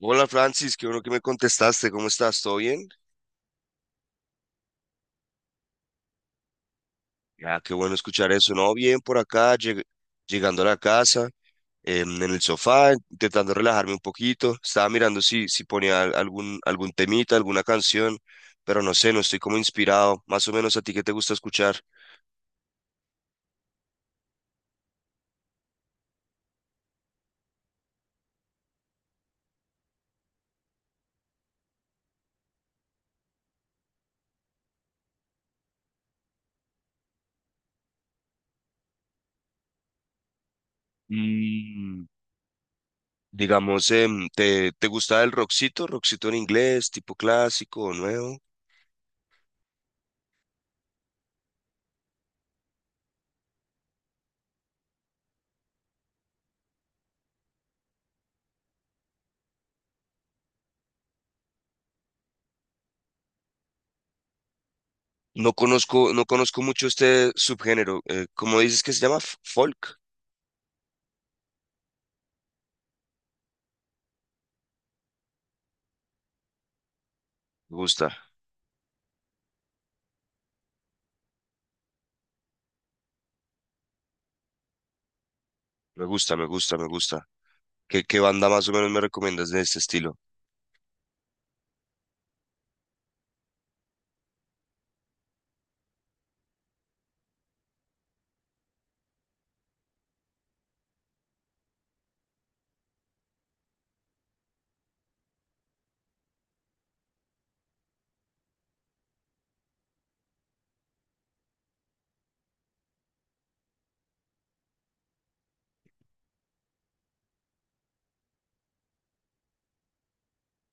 Hola Francis, qué bueno que me contestaste, ¿cómo estás? ¿Todo bien? Ya, qué bueno escuchar eso, ¿no? Bien por acá, llegando a la casa, en el sofá, intentando relajarme un poquito. Estaba mirando si ponía algún temita, alguna canción, pero no sé, no estoy como inspirado. Más o menos a ti, ¿qué te gusta escuchar? Mm, digamos, ¿te gusta el rockcito? ¿Rockcito en inglés, tipo clásico o nuevo? No conozco mucho este subgénero. ¿Cómo dices que se llama? Folk. Me gusta. Me gusta. ¿Qué banda más o menos me recomiendas de este estilo?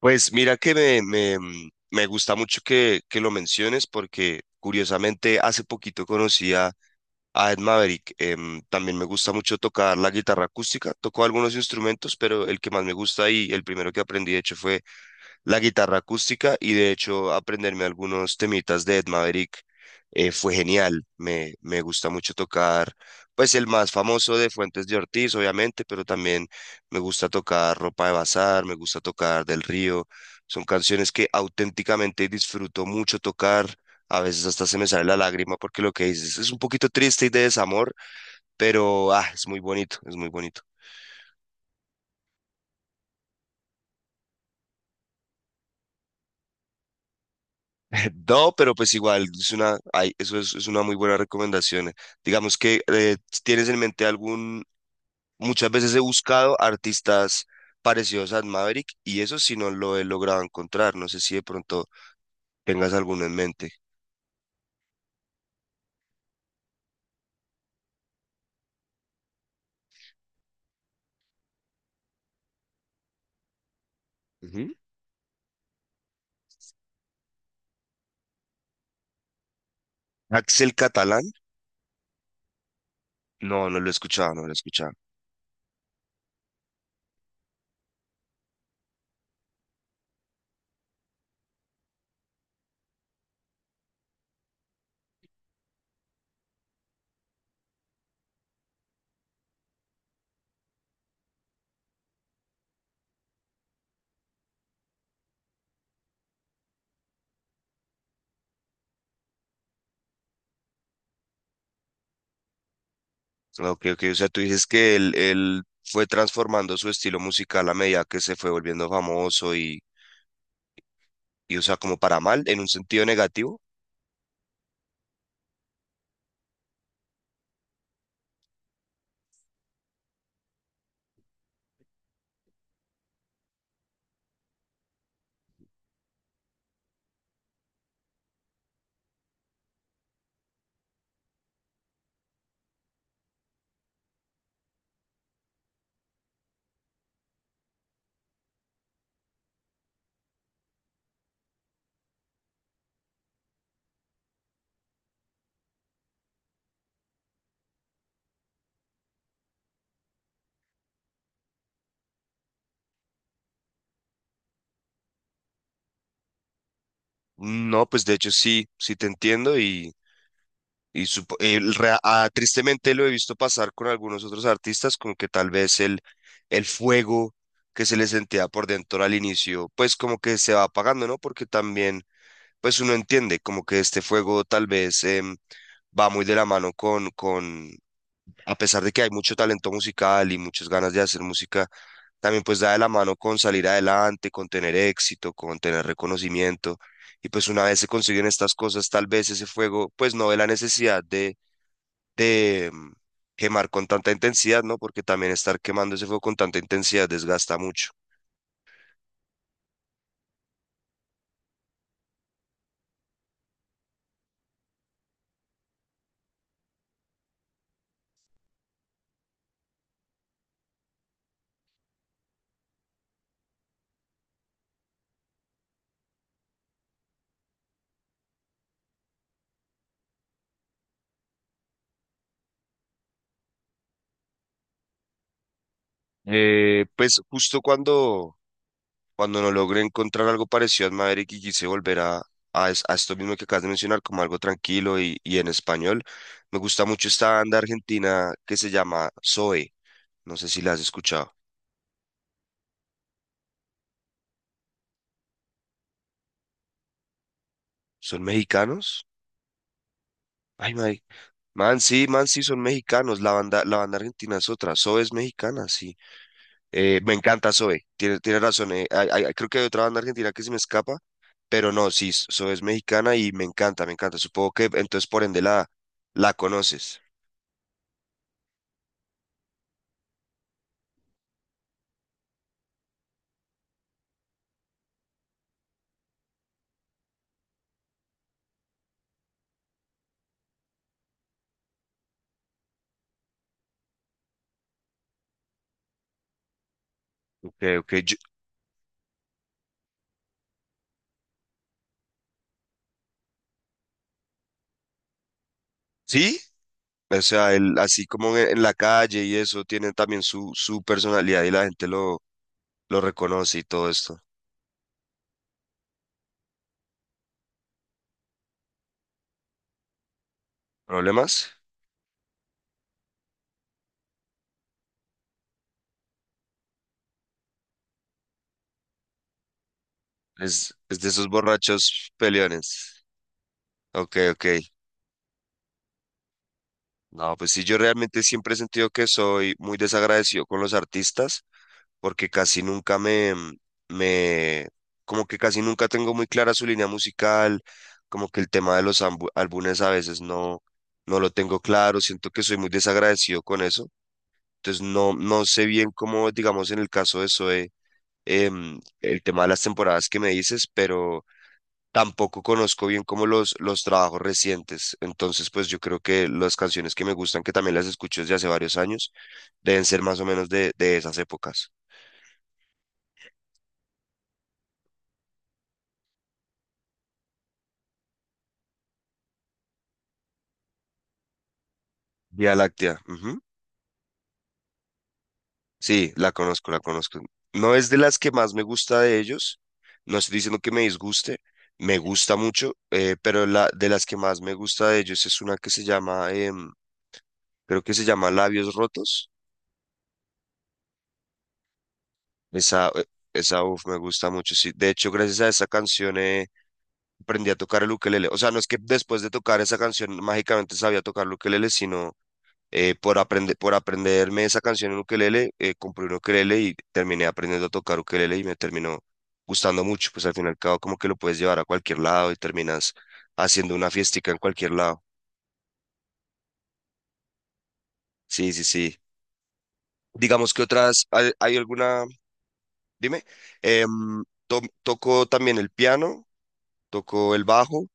Pues mira que me gusta mucho que lo menciones porque curiosamente hace poquito a Ed Maverick. Em, también me gusta mucho tocar la guitarra acústica. Toco algunos instrumentos, pero el que más me gusta y el primero que aprendí de hecho fue la guitarra acústica, y de hecho aprenderme algunos temitas de Ed Maverick fue genial. Me gusta mucho tocar, pues el más famoso, de Fuentes de Ortiz, obviamente, pero también me gusta tocar Ropa de Bazar, me gusta tocar Del Río. Son canciones que auténticamente disfruto mucho tocar. A veces hasta se me sale la lágrima porque lo que dices es un poquito triste y de desamor, pero es muy bonito, es muy bonito. No, pero pues igual, es una, ay, eso es una muy buena recomendación. Digamos que tienes en mente algún, muchas veces he buscado artistas parecidos a Maverick y eso sí no lo he logrado encontrar. No sé si de pronto tengas alguno en mente. Ujú. Axel Catalán, no lo he escuchado. Ok, ok, o sea, tú dices que él fue transformando su estilo musical a medida que se fue volviendo famoso y, o sea, como para mal, en un sentido negativo. No, pues de hecho sí, sí te entiendo. Y tristemente lo he visto pasar con algunos otros artistas, como que tal vez el fuego que se le sentía por dentro al inicio, pues como que se va apagando, ¿no? Porque también, pues uno entiende como que este fuego tal vez va muy de la mano a pesar de que hay mucho talento musical y muchas ganas de hacer música, también pues da de la mano con salir adelante, con tener éxito, con tener reconocimiento. Y pues una vez se consiguen estas cosas, tal vez ese fuego, pues no ve la necesidad de quemar con tanta intensidad, ¿no? Porque también estar quemando ese fuego con tanta intensidad desgasta mucho. Pues justo cuando no logré encontrar algo parecido a Maverick y quise volver a esto mismo que acabas de mencionar, como algo tranquilo y en español, me gusta mucho esta banda argentina que se llama Zoe. No sé si la has escuchado. ¿Son mexicanos? Ay, man, sí, son mexicanos. La banda argentina es otra. Zoe es mexicana, sí. Me encanta Zoe, tiene razón. Creo que hay otra banda argentina que se me escapa, pero no, sí, Zoe es mexicana y me encanta, me encanta. Supongo que entonces, por ende, la conoces. Ok, ok. Sí, o sea, él, así como en la calle y eso, tiene también su personalidad y la gente lo reconoce y todo esto. ¿Problemas? Es de esos borrachos peleones. Ok, ok. No, pues sí, yo realmente siempre he sentido que soy muy desagradecido con los artistas porque casi nunca me, me, como que casi nunca tengo muy clara su línea musical, como que el tema de los álbumes a veces no, no lo tengo claro, siento que soy muy desagradecido con eso, entonces no sé bien cómo, digamos, en el caso de Zoe, em, el tema de las temporadas que me dices, pero tampoco conozco bien como los trabajos recientes, entonces pues yo creo que las canciones que me gustan, que también las escucho desde hace varios años, deben ser más o menos de esas épocas. Vía Láctea. Ujú. Sí, la conozco, la conozco. No es de las que más me gusta de ellos. No estoy diciendo que me disguste. Me gusta mucho, pero la, de las que más me gusta de ellos es una que se llama, em, creo que se llama Labios Rotos. Esa, esa, uf, me gusta mucho. Sí, de hecho, gracias a esa canción aprendí a tocar el ukelele. O sea, no es que después de tocar esa canción mágicamente sabía tocar el ukelele, sino por aprenderme esa canción en ukelele, compré un ukelele y terminé aprendiendo a tocar ukelele y me terminó gustando mucho, pues al fin y al cabo como que lo puedes llevar a cualquier lado y terminas haciendo una fiestica en cualquier lado. Sí, sí, sí. Digamos que otras, hay alguna? Dime. Em, toco también el piano, toco el bajo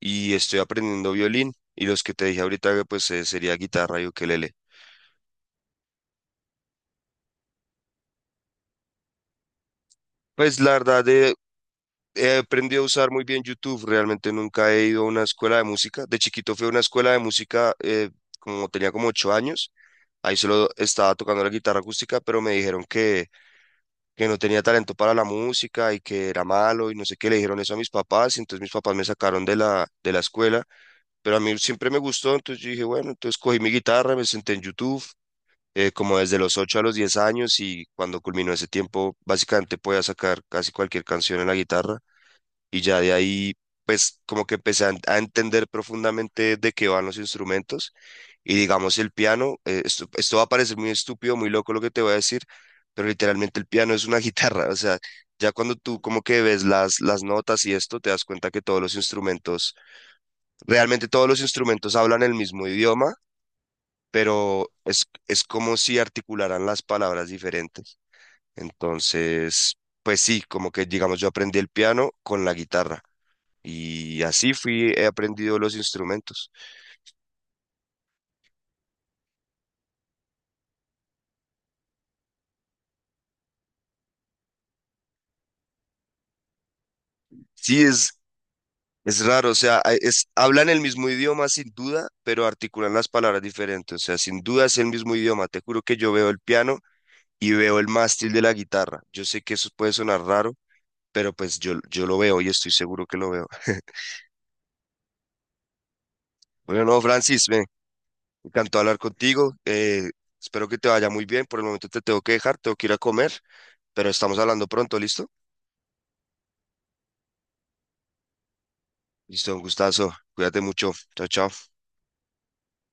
y estoy aprendiendo violín. Y los que te dije ahorita, pues sería guitarra y ukelele. Pues la verdad, he aprendido a usar muy bien YouTube, realmente nunca he ido a una escuela de música. De chiquito fui a una escuela de música como tenía como 8 años, ahí solo estaba tocando la guitarra acústica, pero me dijeron que no tenía talento para la música y que era malo y no sé qué, le dijeron eso a mis papás, y entonces mis papás me sacaron de de la escuela, pero a mí siempre me gustó, entonces yo dije, bueno, entonces cogí mi guitarra, me senté en YouTube. Como desde los 8 a los 10 años, y cuando culminó ese tiempo, básicamente podía sacar casi cualquier canción en la guitarra, y ya de ahí, pues como que empecé a entender profundamente de qué van los instrumentos, y digamos el piano, esto va a parecer muy estúpido, muy loco lo que te voy a decir, pero literalmente el piano es una guitarra, o sea, ya cuando tú como que ves las notas y esto, te das cuenta que todos los instrumentos, realmente todos los instrumentos hablan el mismo idioma. Pero es como si articularan las palabras diferentes. Entonces, pues sí, como que digamos yo aprendí el piano con la guitarra. Y así fui, he aprendido los instrumentos. Sí, es raro, o sea, hay- es, hablan el mismo idioma sin duda, pero articulan las palabras diferentes. O sea, sin duda es el mismo idioma. Te juro que yo veo el piano y veo el mástil de la guitarra. Yo sé que eso puede sonar raro, pero pues yo lo veo y estoy seguro que lo veo. Bueno, no, Francis, me encantó hablar contigo. Espero que te vaya muy bien. Por el momento te tengo que dejar, tengo que ir a comer, pero estamos hablando pronto, ¿listo? Listo, un gustazo. Cuídate mucho. Chao, chao.